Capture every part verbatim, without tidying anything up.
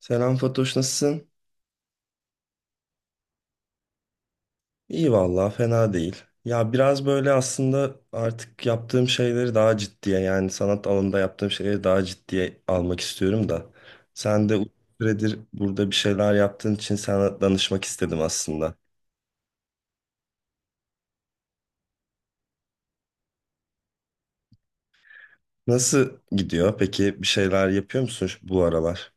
Selam Fatoş, nasılsın? İyi vallahi fena değil. Ya biraz böyle aslında artık yaptığım şeyleri daha ciddiye yani sanat alanında yaptığım şeyleri daha ciddiye almak istiyorum da. Sen de uzun süredir burada bir şeyler yaptığın için sana danışmak istedim aslında. Nasıl gidiyor? Peki bir şeyler yapıyor musun şu- bu aralar?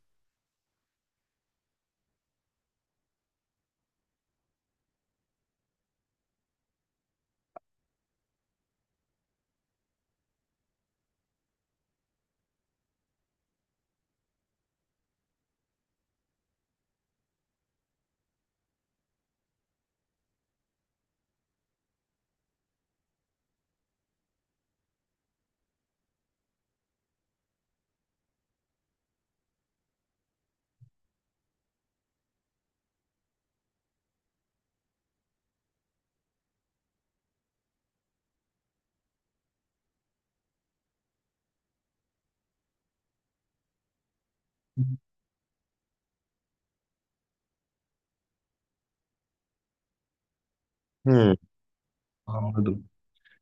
Hmm, anladım.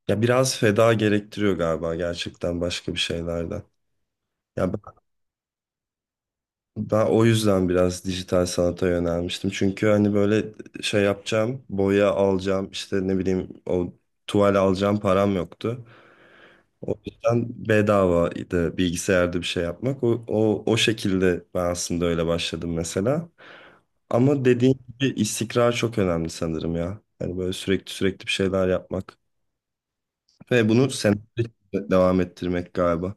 Ya biraz feda gerektiriyor galiba gerçekten başka bir şeylerden. Ya ben o yüzden biraz dijital sanata yönelmiştim. Çünkü hani böyle şey yapacağım, boya alacağım, işte ne bileyim o tuval alacağım param yoktu. O yüzden bedavaydı bilgisayarda bir şey yapmak. O, o, o şekilde ben aslında öyle başladım mesela. Ama dediğin gibi istikrar çok önemli sanırım ya. Yani böyle sürekli sürekli bir şeyler yapmak. Ve bunu senelerce devam ettirmek galiba.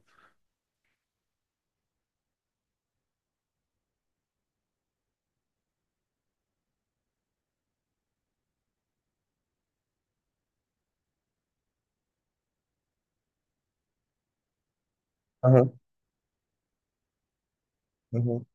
Aha, hı hı.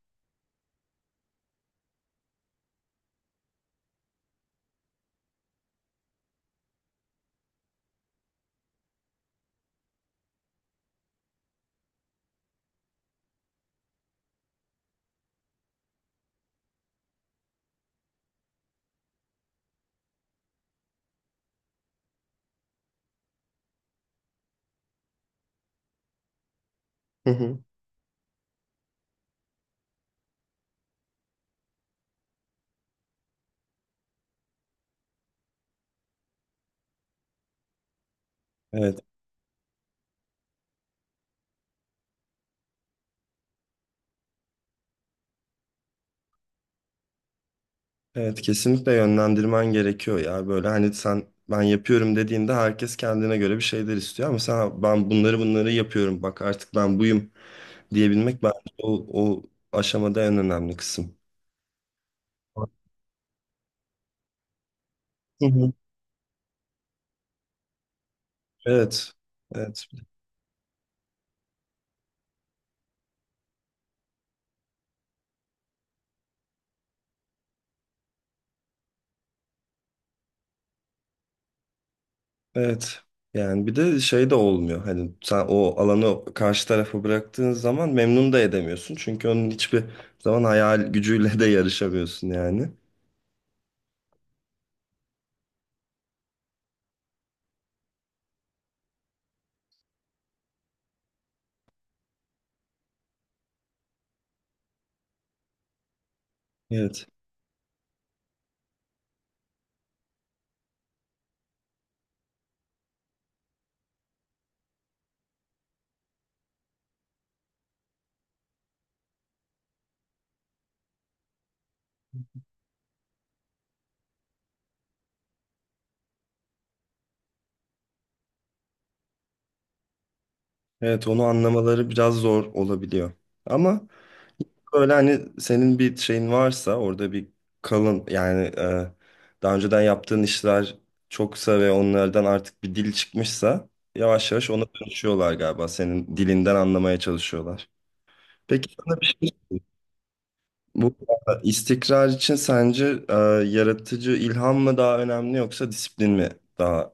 Hı hı. Evet, evet, kesinlikle yönlendirmen gerekiyor ya. Böyle hani sen ben yapıyorum dediğinde herkes kendine göre bir şeyler istiyor ama sen ben bunları bunları yapıyorum bak artık ben buyum diyebilmek bence o, o aşamada en önemli kısım. Hı hı. Evet. Evet. Evet. Yani bir de şey de olmuyor. Hani sen o alanı karşı tarafa bıraktığın zaman memnun da edemiyorsun. Çünkü onun hiçbir zaman hayal gücüyle de yarışamıyorsun yani. Evet. Evet, onu anlamaları biraz zor olabiliyor. Ama böyle hani senin bir şeyin varsa orada bir kalın yani e, daha önceden yaptığın işler çoksa ve onlardan artık bir dil çıkmışsa yavaş yavaş ona dönüşüyorlar galiba. Senin dilinden anlamaya çalışıyorlar. Peki sana bir şey... Bu e, istikrar için sence e, yaratıcı ilham mı daha önemli yoksa disiplin mi daha...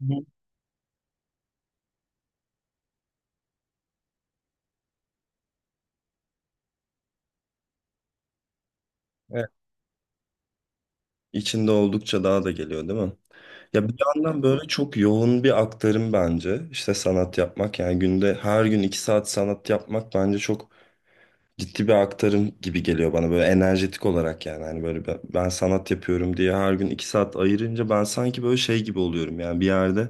Hı. Evet. içinde oldukça daha da geliyor değil mi? Ya bir yandan böyle çok yoğun bir aktarım bence. İşte sanat yapmak yani günde her gün iki saat sanat yapmak bence çok ciddi bir aktarım gibi geliyor bana böyle enerjetik olarak yani. Hani böyle ben, ben sanat yapıyorum diye her gün iki saat ayırınca ben sanki böyle şey gibi oluyorum yani bir yerde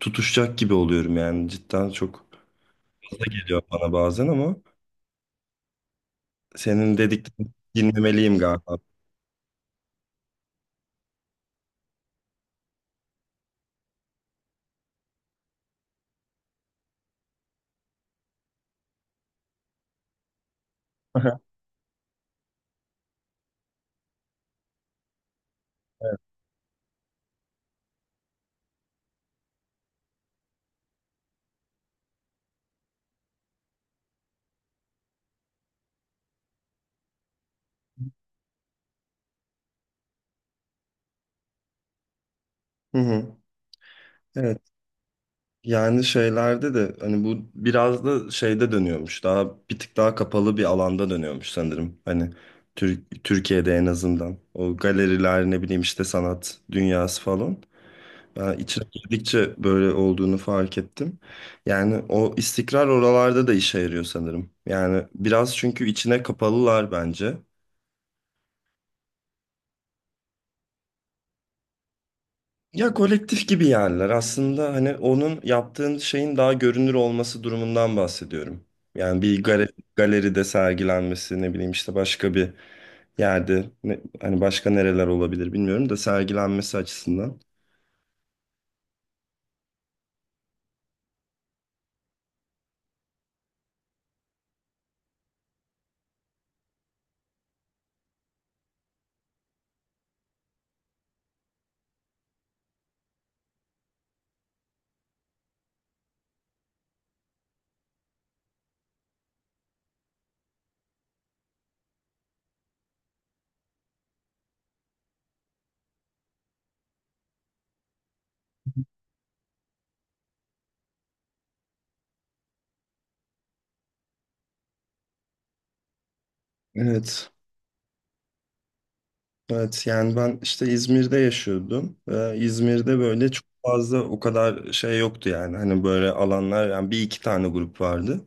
tutuşacak gibi oluyorum yani cidden çok fazla geliyor bana bazen ama. Senin dediklerini dinlemeliyim galiba. Aha. Hı hı. Evet. Yani şeylerde de hani bu biraz da şeyde dönüyormuş. Daha bir tık daha kapalı bir alanda dönüyormuş sanırım. Hani Tür- Türkiye'de en azından. O galeriler ne bileyim işte sanat dünyası falan. Ben içine girdikçe böyle olduğunu fark ettim. Yani o istikrar oralarda da işe yarıyor sanırım. Yani biraz çünkü içine kapalılar bence. Ya kolektif gibi yerler. Aslında hani onun yaptığın şeyin daha görünür olması durumundan bahsediyorum. Yani bir gale- galeride sergilenmesi ne bileyim işte başka bir yerde ne- hani başka nereler olabilir bilmiyorum da sergilenmesi açısından. Evet. Evet yani ben işte İzmir'de yaşıyordum. Ee, İzmir'de böyle çok fazla o kadar şey yoktu yani. Hani böyle alanlar yani bir iki tane grup vardı.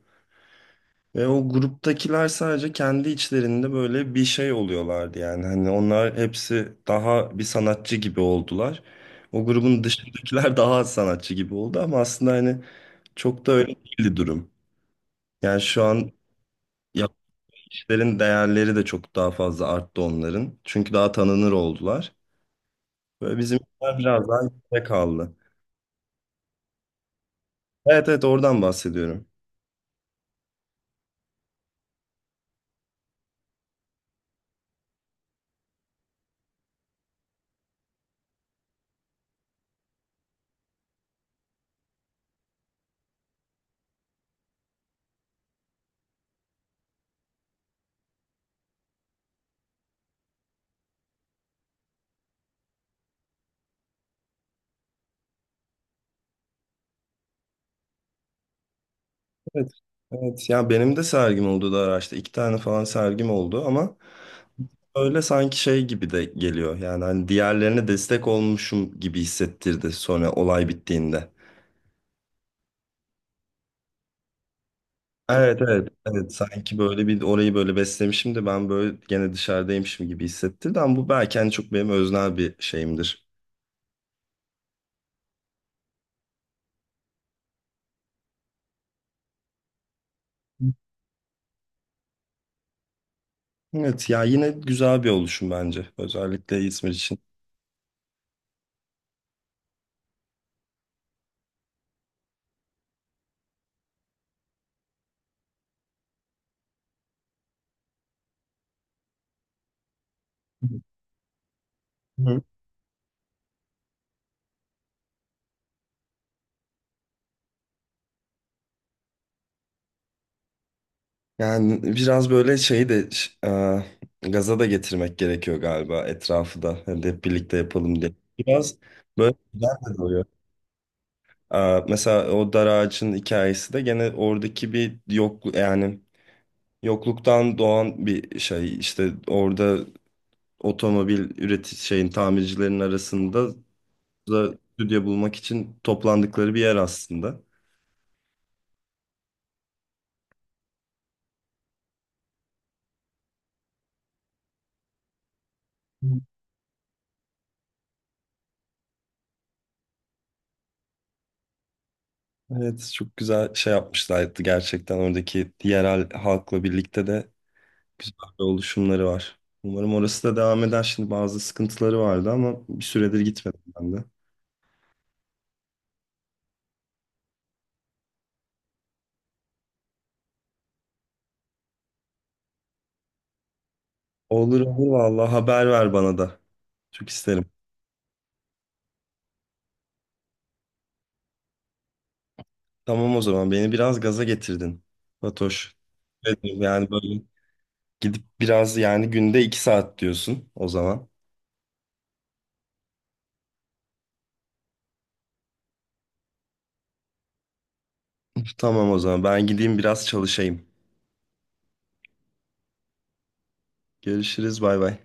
Ve o gruptakiler sadece kendi içlerinde böyle bir şey oluyorlardı yani. Hani onlar hepsi daha bir sanatçı gibi oldular. O grubun dışındakiler daha az sanatçı gibi oldu ama aslında hani çok da öyle değildi durum. Yani şu an yaptıkların değerleri de çok daha fazla arttı onların. Çünkü daha tanınır oldular. Böyle bizimkiler biraz daha geride kaldı. Evet, evet, oradan bahsediyorum. Evet. Evet, ya benim de sergim oldu da araçta. İki tane falan sergim oldu ama öyle sanki şey gibi de geliyor. Yani hani diğerlerine destek olmuşum gibi hissettirdi sonra olay bittiğinde. Evet, evet, evet, sanki böyle bir orayı böyle beslemişim de ben böyle gene dışarıdaymışım gibi hissettirdi ama bu belki hani çok benim öznel bir şeyimdir. Evet ya, yine güzel bir oluşum bence özellikle İzmir için. Hı. Yani biraz böyle şeyi de ş- e, gaza da getirmek gerekiyor galiba etrafı da. Hani hep birlikte yapalım diye. Biraz böyle güzel de oluyor. Aa, mesela o dar ağacın hikayesi de gene oradaki bir yokluk yani, yokluktan doğan bir şey işte orada otomobil üretici şeyin tamircilerin arasında da stüdyo bulmak için toplandıkları bir yer aslında. Evet, çok güzel şey yapmışlardı gerçekten, oradaki yerel halkla birlikte de güzel oluşumları var. Umarım orası da devam eder. Şimdi bazı sıkıntıları vardı ama bir süredir gitmedim ben de. Olur, olur, vallahi haber ver bana da. Çok isterim. Tamam, o zaman beni biraz gaza getirdin, Fatoş. Evet yani böyle gidip biraz yani günde iki saat diyorsun o zaman. Tamam, o zaman ben gideyim biraz çalışayım. Görüşürüz, bay bay.